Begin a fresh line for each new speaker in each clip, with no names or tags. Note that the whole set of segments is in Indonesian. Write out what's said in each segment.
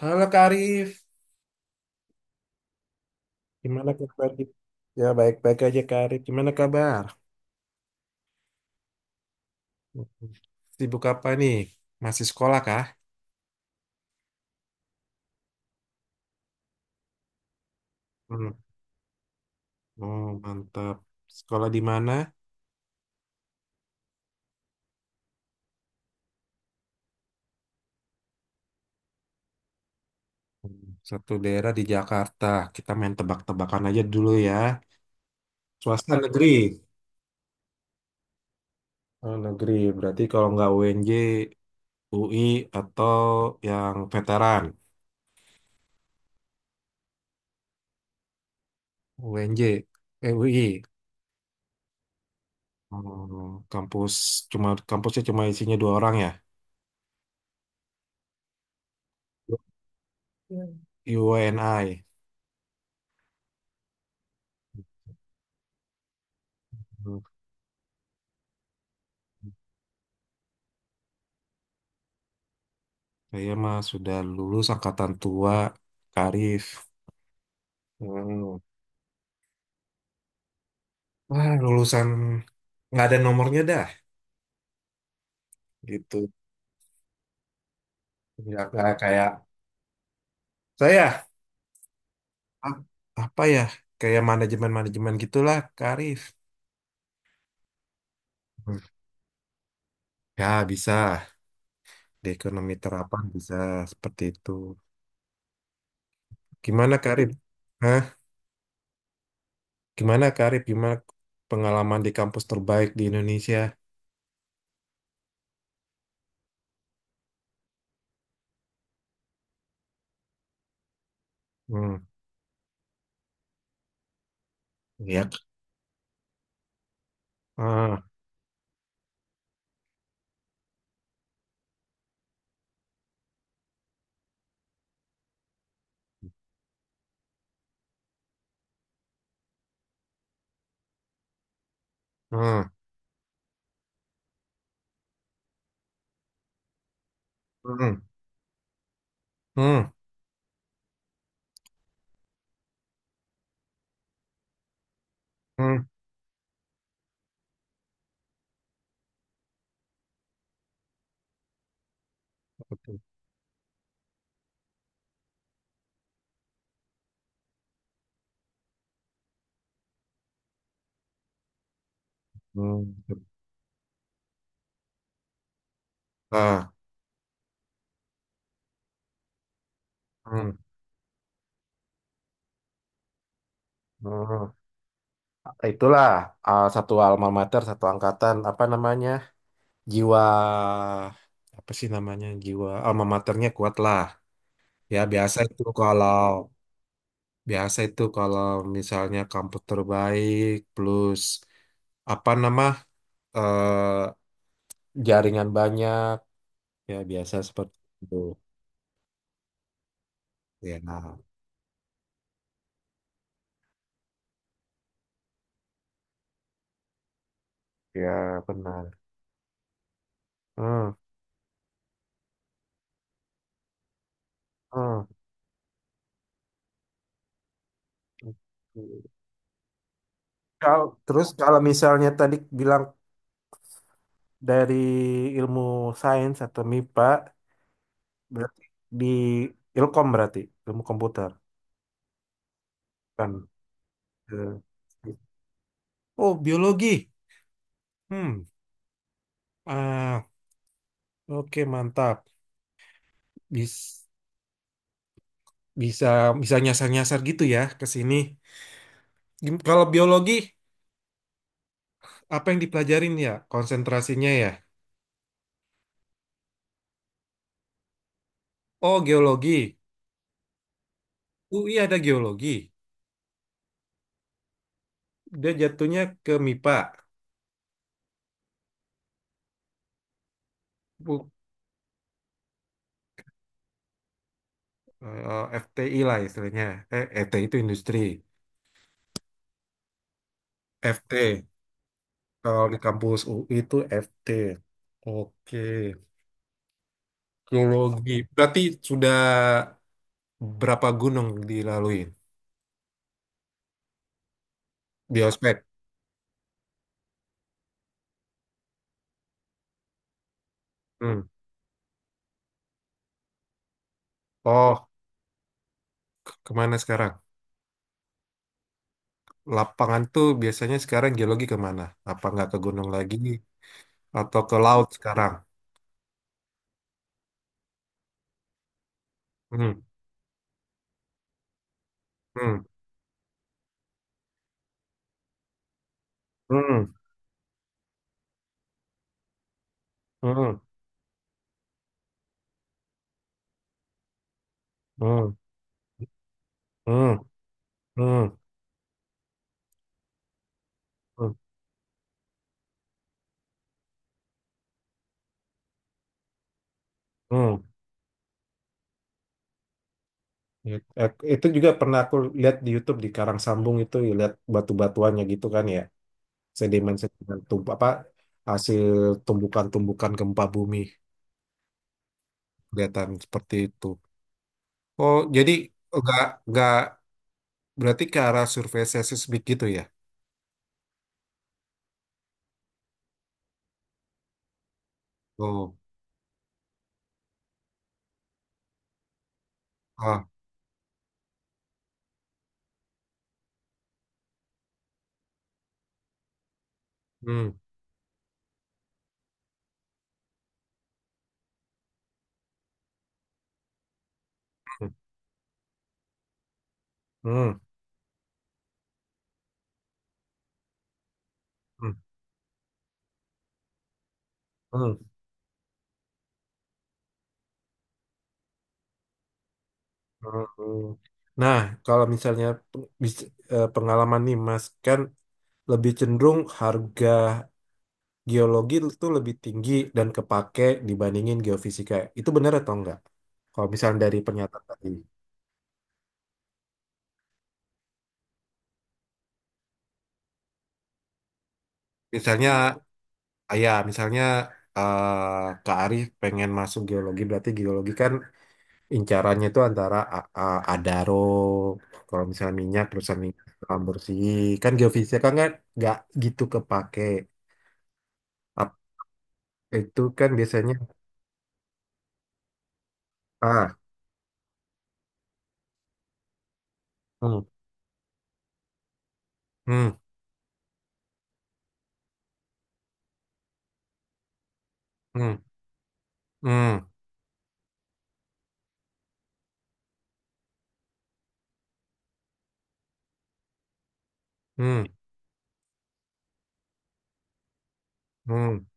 Halo Kak Arif, gimana kabar? Ya baik-baik aja Kak Arif, gimana kabar? Hmm. Sibuk apa nih? Masih sekolah kah? Hmm. Oh mantap. Sekolah di mana? Satu daerah di Jakarta. Kita main tebak-tebakan aja dulu ya. Swasta negeri. Oh negeri, berarti kalau nggak UNJ, UI, atau yang veteran. UNJ, eh UI. Oh, kampus kampusnya cuma isinya dua orang ya? Iya. UNI. Hmm. Saya mah sudah lulus angkatan tua, Karif. Hmm. Wah, lulusan nggak ada nomornya dah, gitu. Ya, kayak saya, a- apa ya, kayak manajemen-manajemen gitulah, Karif. Hmm. Ya bisa di ekonomi terapan, bisa seperti itu. Gimana Karif? Hah? Gimana Karif? Gimana pengalaman di kampus terbaik di Indonesia? Hmm. Ya. Ah, ah, hmm, hmm, hmm. Hmm. Betul. Hmm. Nah, hmm, hmm. Itulah, satu alma mater, satu angkatan, apa namanya? Jiwa apa sih namanya? Jiwa alma maternya kuat lah. Ya biasa itu kalau Biasa itu kalau misalnya kampus terbaik plus apa nama eh, jaringan banyak, ya biasa seperti itu. Ya, nah, ya benar. Hmm, hmm. Terus, kalau misalnya tadi bilang dari ilmu sains atau MIPA, berarti di Ilkom, berarti ilmu komputer, kan. Eh, oh biologi. Hmm. ah oke mantap. Bis- bisa bisa nyasar-nyasar gitu ya ke sini. Kalau biologi apa yang dipelajarin, ya konsentrasinya ya. Oh geologi. UI ada geologi. Dia jatuhnya ke MIPA. Bu- FTI lah istilahnya. ET itu industri. FT. Kalau di kampus UI itu FT. Oke. Geologi. Berarti sudah berapa gunung dilalui di ospek? Hmm. Oh, kemana sekarang? Lapangan tuh biasanya sekarang geologi kemana? Apa nggak ke gunung lagi? Atau ke laut sekarang? Hmm. Hmm. Hmm. Hmm. Hmm. Hmm. Hmm. Hmm. Hmm. Ya, itu juga pernah aku lihat di YouTube di Karang Sambung itu ya, lihat batu-batuannya gitu kan ya. Sedimen-sedimen, tump apa hasil tumbukan-tumbukan gempa bumi, kelihatan seperti itu. Oh, jadi enggak berarti ke arah survei seismik gitu ya? Oh. Ah. Hmm, hmm, hmm, hmm, hmm, hmm, hmm. Nah, kalau misalnya pengalaman nih Mas kan, lebih cenderung harga geologi itu lebih tinggi dan kepake dibandingin geofisika. Itu benar atau enggak? Kalau misalnya dari pernyataan tadi. Misalnya. Ya, misalnya, Kak Arif pengen masuk geologi, berarti geologi kan incarannya itu antara Adaro, kalau misalnya minyak, perusahaan minyak, alam bersih, kan geofisika kan nggak gitu kepake. Ap- Itu kan biasanya, ah, hmm, hmm, hmm, hmm, hmm, hmm,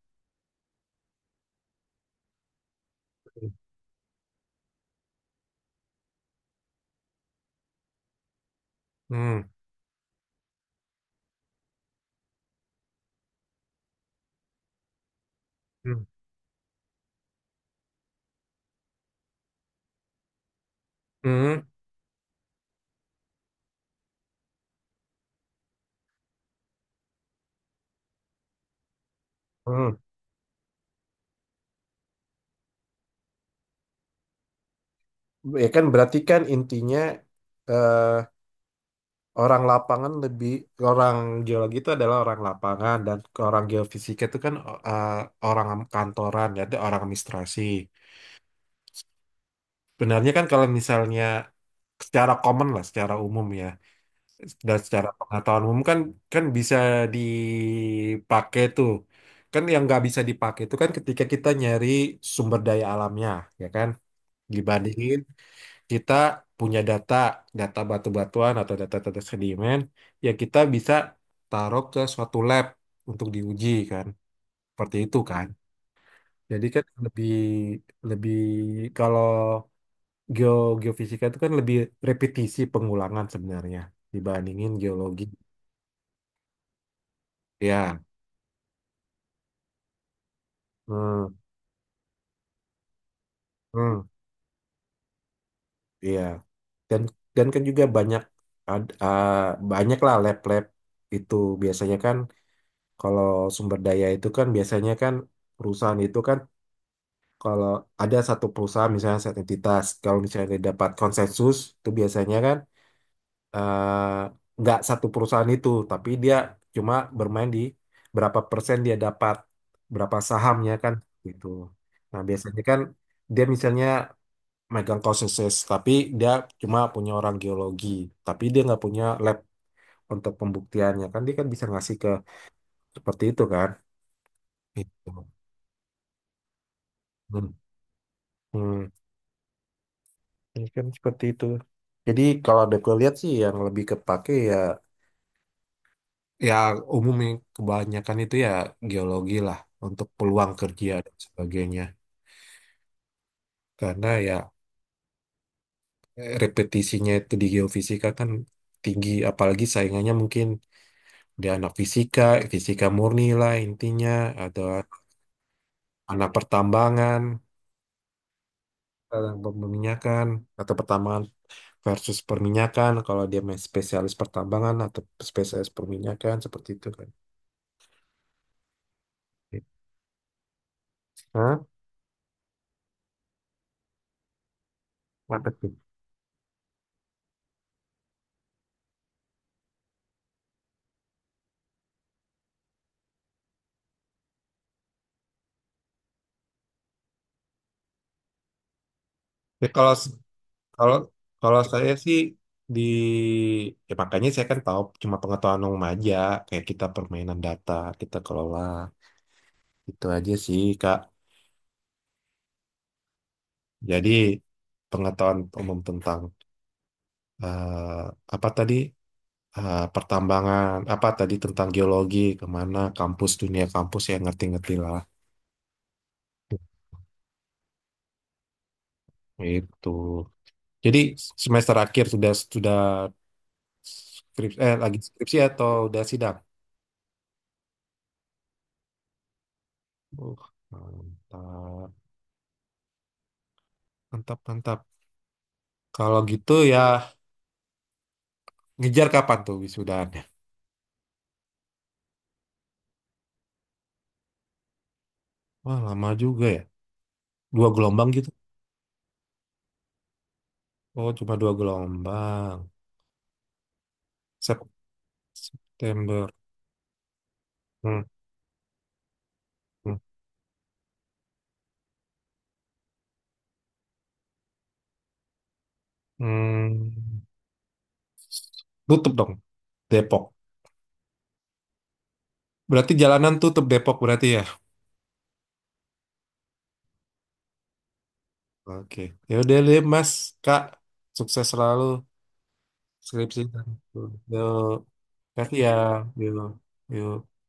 hmm, hmm, hmm, hmm. Ya kan berarti kan intinya, eh, orang lapangan lebih orang geologi itu adalah orang lapangan, dan orang geofisika itu kan eh, orang kantoran, ya ada orang administrasi. Benarnya kan kalau misalnya secara common lah, secara umum ya, dan secara pengetahuan umum kan kan bisa dipakai tuh. Kan yang nggak bisa dipakai itu kan ketika kita nyari sumber daya alamnya, ya kan? Hmm. Dibandingin kita punya data, data batu-batuan atau data-data sedimen, ya kita bisa taruh ke suatu lab untuk diuji kan, seperti itu kan. Jadi kan lebih lebih kalau geo geofisika itu kan lebih repetisi pengulangan sebenarnya dibandingin geologi. Ya, hmm, hmm, iya. Dan dan kan juga banyak, ad- ah, banyak lah lab-lab itu biasanya kan. Kalau sumber daya itu kan biasanya kan, perusahaan itu kan, kalau ada satu perusahaan misalnya satu entitas, kalau misalnya dia dapat konsensus itu biasanya kan, nggak satu perusahaan itu, tapi dia cuma bermain di berapa persen dia dapat, berapa sahamnya kan, gitu. Nah biasanya kan dia misalnya megang konsensus, tapi dia cuma punya orang geologi, tapi dia nggak punya lab untuk pembuktiannya, kan dia kan bisa ngasih ke, seperti itu kan. Gitu. Hmm. Hmm, ini kan seperti itu. Jadi kalau ada, gue lihat sih yang lebih kepake ya umumnya kebanyakan itu ya geologi lah, untuk peluang kerja dan sebagainya. Karena ya, repetisinya itu di geofisika kan tinggi, apalagi saingannya mungkin di anak fisika, fisika murni lah intinya, atau anak pertambangan, anak perminyakan, atau pertambangan versus perminyakan, kalau dia main spesialis pertambangan atau spesialis perminyakan, seperti itu kan. Hah? Marketing. Ya, kalau kalau kalau saya sih di, ya makanya saya kan tahu cuma pengetahuan umum aja, kayak kita permainan data, kita kelola, itu aja sih Kak. Jadi pengetahuan umum tentang, eh, apa tadi. Pertambangan, apa tadi, tentang geologi, kemana kampus, dunia kampus, ya ngerti-ngerti lah itu. Jadi semester akhir sudah skripsi eh lagi skripsi atau udah sidang? Uh, Mantap, mantap, mantap. Kalau gitu ya, ngejar kapan tuh wisudaannya? Wah, lama juga ya. Dua gelombang gitu. Oh, cuma dua gelombang. Sep September. Hmm, hmm, hmm. Tutup dong, Depok. Berarti jalanan tutup Depok berarti ya. Oke. Ya udah deh, Mas, Kak. Sukses selalu skripsi. Yuk, kasih ya. Yuk, yuk.